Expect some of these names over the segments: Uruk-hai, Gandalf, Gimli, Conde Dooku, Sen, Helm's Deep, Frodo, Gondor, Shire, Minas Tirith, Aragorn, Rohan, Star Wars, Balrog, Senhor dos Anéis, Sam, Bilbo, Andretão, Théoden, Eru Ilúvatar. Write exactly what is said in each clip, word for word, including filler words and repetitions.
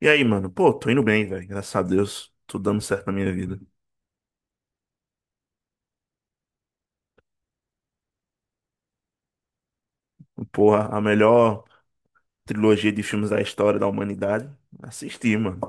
E aí, mano? Pô, tô indo bem, velho. Graças a Deus, tudo dando certo na minha vida. Porra, a melhor trilogia de filmes da história da humanidade. Assisti, mano.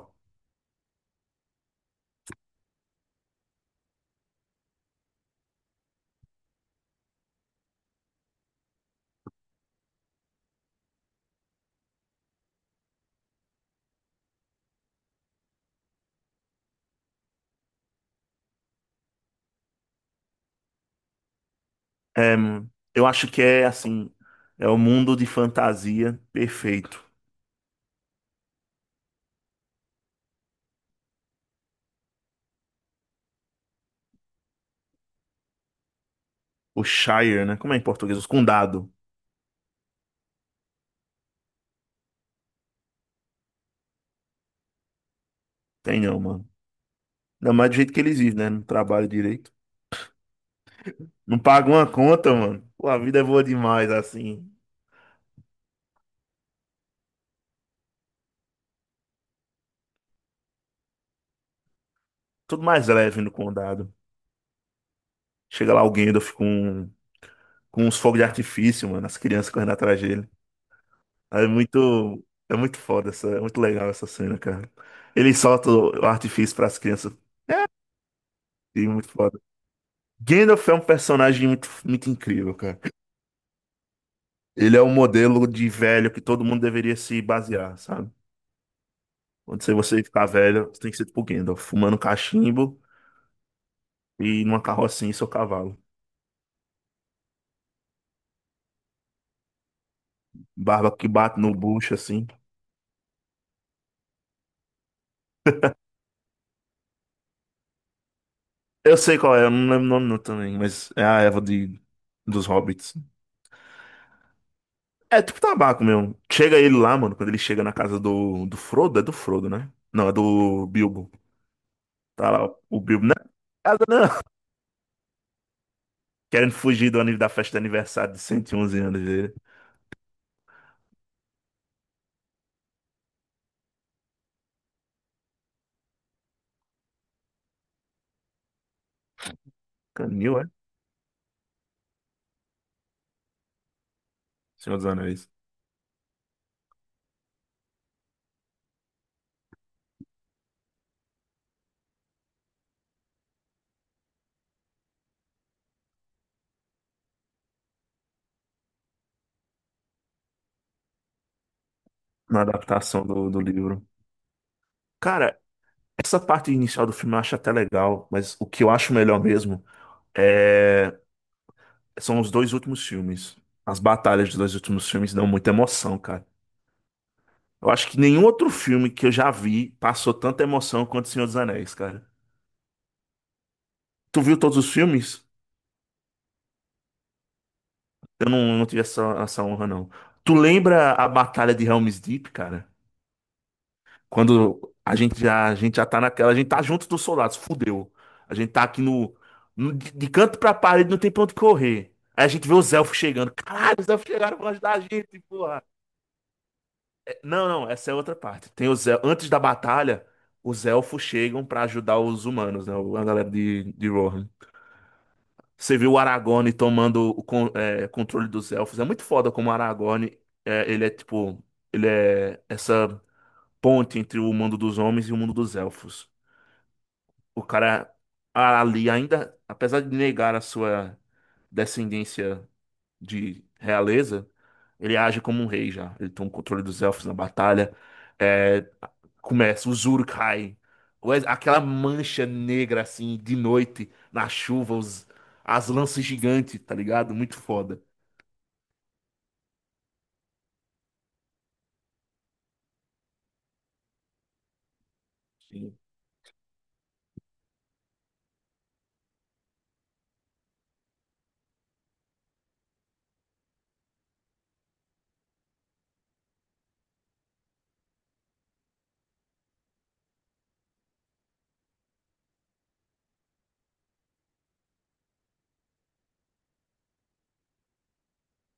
É, mano, eu acho que é assim, é o mundo de fantasia perfeito. O Shire, né? Como é em português? Os condado. Tem não, mano. Ainda mais do jeito que eles vivem, né? Não trabalham direito. Não pagam uma conta, mano. Pô, a vida é boa demais, assim. Tudo mais leve no condado. Chega lá alguém, eu fico com, com uns fogos de artifício, mano. As crianças correndo atrás dele. É muito, é muito foda essa, é muito legal essa cena, cara. Ele solta o artifício para as crianças, e é muito foda. Gandalf é um personagem muito, muito incrível, cara. Ele é um modelo de velho que todo mundo deveria se basear, sabe? Quando você você ficar velho, você tem que ser tipo Gandalf, fumando cachimbo e numa carrocinha em seu cavalo. Barba que bate no bucho, assim. Eu sei qual é, eu não lembro o nome não também, mas é a Eva de, dos Hobbits. É é tipo tabaco mesmo. Chega ele lá, mano, quando ele chega na casa do, do Frodo, é do Frodo, né? Não, é do Bilbo. Tá lá o Bilbo, né? Casa não! Querendo fugir do aniversário da festa de aniversário de cento e onze anos dele. Canil, é? Senhor dos Anéis. Na adaptação do, do livro. Cara, essa parte inicial do filme eu acho até legal, mas o que eu acho melhor mesmo é... são os dois últimos filmes. As batalhas dos dois últimos filmes dão muita emoção, cara. Eu acho que nenhum outro filme que eu já vi passou tanta emoção quanto O Senhor dos Anéis, cara. Tu viu todos os filmes? Eu não, não tive essa, essa honra, não. Tu lembra a Batalha de Helm's Deep, cara? Quando a gente já, a gente já tá naquela, a gente tá junto dos soldados, fudeu. A gente tá aqui no, no- de, de canto pra parede, não tem pra onde correr. Aí a gente vê os elfos chegando. Caralho, os elfos chegaram pra ajudar a gente, porra. É, não, não, essa é outra parte. Tem os elfos, antes da batalha, os elfos chegam pra ajudar os humanos, né? A galera de, de Rohan. Você viu o Aragorn tomando o con- é, controle dos elfos. É muito foda como o Aragorn, é, ele é tipo, ele é essa ponte entre o mundo dos homens e o mundo dos elfos. O cara ali ainda, apesar de negar a sua descendência de realeza, ele age como um rei já. Ele toma o controle dos elfos na batalha. É, começa, o Uruk-hai. O ex- Aquela mancha negra assim, de noite, na chuva, os- as lanças gigantes, tá ligado? Muito foda. Sim.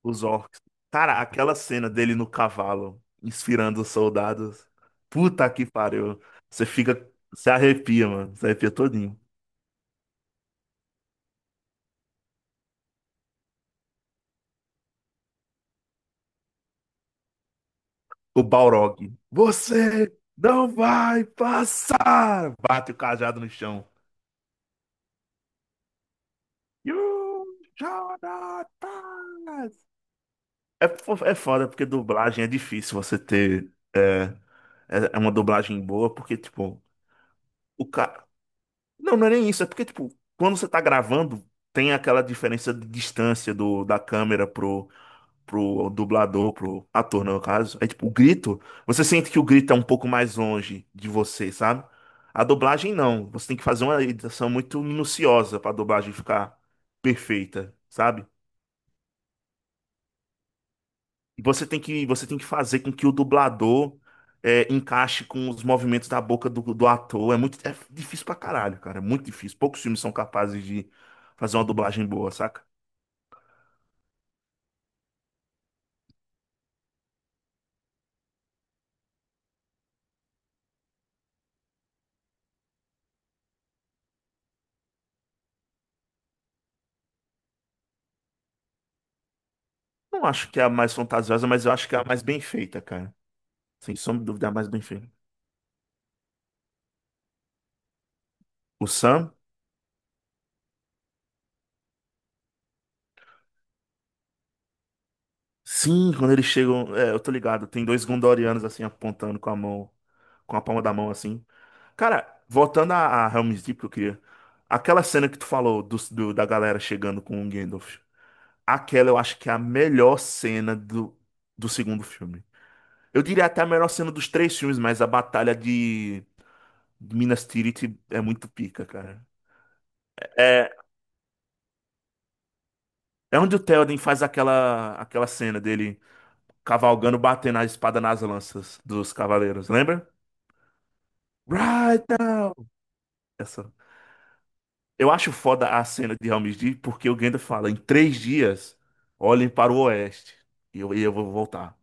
Os orcs. Cara, aquela cena dele no cavalo, inspirando os soldados. Puta que pariu. Você fica. Você arrepia, mano. Você arrepia todinho. O Balrog. Você não vai passar! Bate o cajado no chão. You shall not pass! É, fo- é foda porque dublagem é difícil você ter. É, é é uma dublagem boa, porque, tipo, o cara. Não, não é nem isso. É porque, tipo, quando você tá gravando, tem aquela diferença de distância do, da câmera pro, pro dublador, pro ator, no caso, é tipo, o grito, você sente que o grito é um pouco mais longe de você, sabe? A dublagem não, você tem que fazer uma edição muito minuciosa pra dublagem ficar perfeita, sabe? E você tem que, você tem que fazer com que o dublador é, encaixe com os movimentos da boca do, do ator. É muito, é difícil pra caralho, cara, é muito difícil. Poucos filmes são capazes de fazer uma dublagem boa, saca? Não acho que é a mais fantasiosa, mas eu acho que é a mais bem feita, cara. Sem sombra de dúvida, é a mais bem feita. O Sam? Sim, quando eles chegam. É, eu tô ligado, tem dois Gondorianos assim apontando com a mão, com a palma da mão assim. Cara, voltando a, a Helm's Deep que eu queria. Aquela cena que tu falou dos- do, da galera chegando com o Gandalf. Aquela eu acho que é a melhor cena do, do segundo filme. Eu diria até a melhor cena dos três filmes, mas a batalha de Minas Tirith é muito pica, cara. É, é onde o Théoden faz aquela, aquela cena dele cavalgando, batendo a espada nas lanças dos cavaleiros, lembra? Right now! Essa. Eu acho foda a cena de Helm's Deep porque o Gandalf fala, em três dias, olhem para o oeste e eu, e eu vou voltar.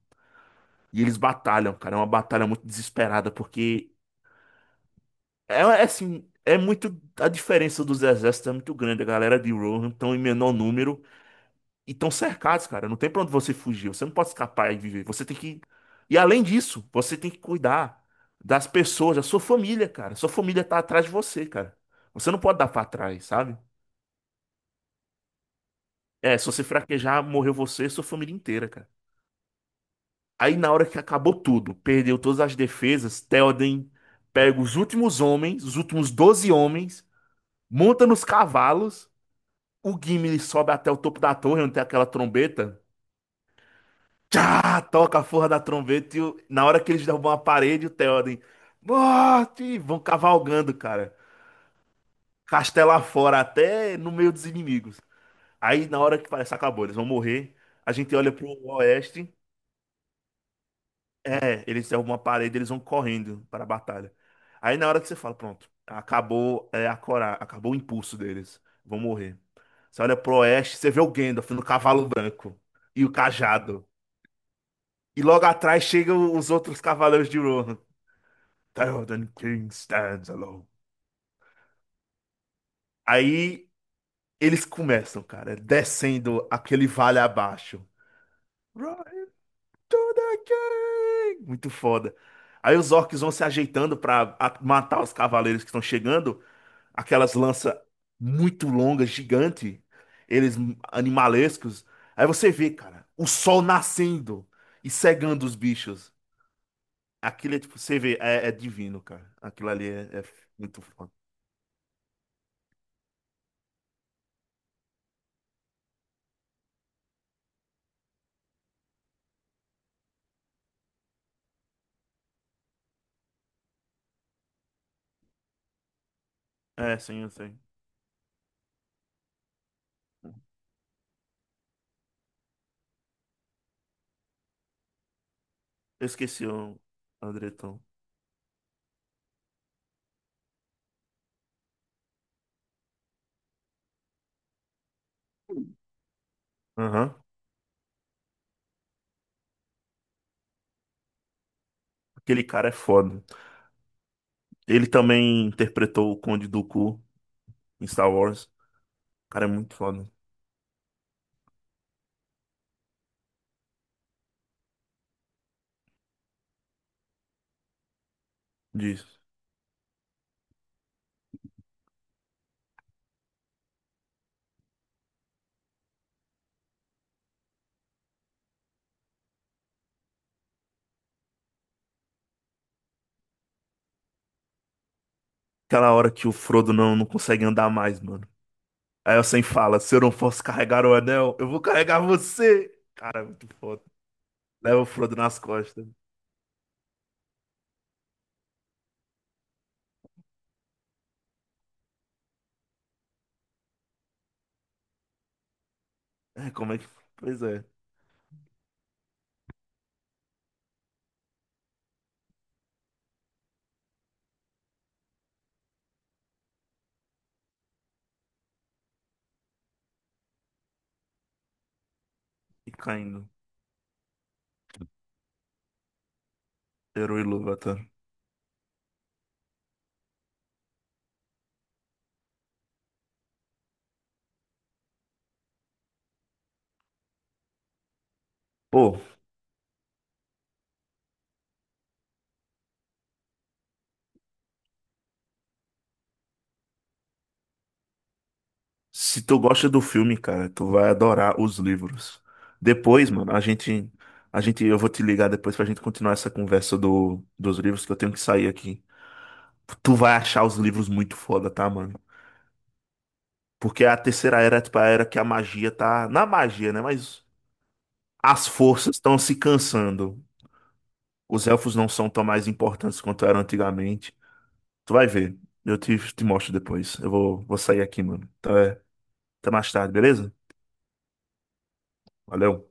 E eles batalham, cara, é uma batalha muito desesperada porque é, é assim, é muito, a diferença dos exércitos é muito grande, a galera de Rohan estão em menor número e estão cercados, cara, não tem pra onde você fugir, você não pode escapar e viver, você tem que, e além disso, você tem que cuidar das pessoas, da sua família, cara, sua família tá atrás de você, cara. Você não pode dar pra trás, sabe? É, se você fraquejar, morreu você e sua família inteira, cara. Aí na hora que acabou tudo, perdeu todas as defesas, Théoden pega os últimos homens, os últimos doze homens, monta nos cavalos, o Gimli sobe até o topo da torre, onde tem aquela trombeta. Tchá, toca a forra da trombeta e o- na hora que eles derrubam a parede, o Théoden, morte, e vão cavalgando, cara. Castelo afora, até no meio dos inimigos. Aí na hora que parece que acabou, eles vão morrer, a gente olha pro oeste. É, eles derrubam uma parede, eles vão correndo para a batalha. Aí na hora que você fala, pronto, acabou é, a cora, acabou o impulso deles, vão morrer. Você olha pro oeste, você vê o Gandalf no cavalo branco e o cajado. E logo atrás chegam os outros cavaleiros de Rohan. Theoden King stands alone. Aí eles começam, cara, é descendo aquele vale abaixo. Right to the king! Muito foda. Aí os orcs vão se ajeitando pra a- matar os cavaleiros que estão chegando. Aquelas lanças muito longas, gigante, eles animalescos. Aí você vê, cara, o sol nascendo e cegando os bichos. Aquilo é tipo, você vê, é, é divino, cara. Aquilo ali é, é muito foda. É, sim, eu sei. Eu esqueci o Andretão. Aham. Aquele cara é foda. Ele também interpretou o Conde Dooku em Star Wars. O cara é muito foda disso. Aquela hora que o Frodo não, não consegue andar mais, mano. Aí o Sen fala: se eu não fosse carregar o anel, eu vou carregar você. Cara, é muito foda. Leva o Frodo nas costas. É, como é que. Pois é. E caindo. Eru Ilúvatar. Pô, se tu gosta do filme, cara, tu vai adorar os livros. Depois, mano, a gente. A gente, eu vou te ligar depois pra gente continuar essa conversa do, dos livros, que eu tenho que sair aqui. Tu vai achar os livros muito foda, tá, mano? Porque a terceira era, é, tipo, a era que a magia tá. Na magia, né? Mas as forças estão se cansando. Os elfos não são tão mais importantes quanto eram antigamente. Tu vai ver. Eu te, te mostro depois. Eu vou, vou sair aqui, mano. Então é, até mais tarde, beleza? Valeu.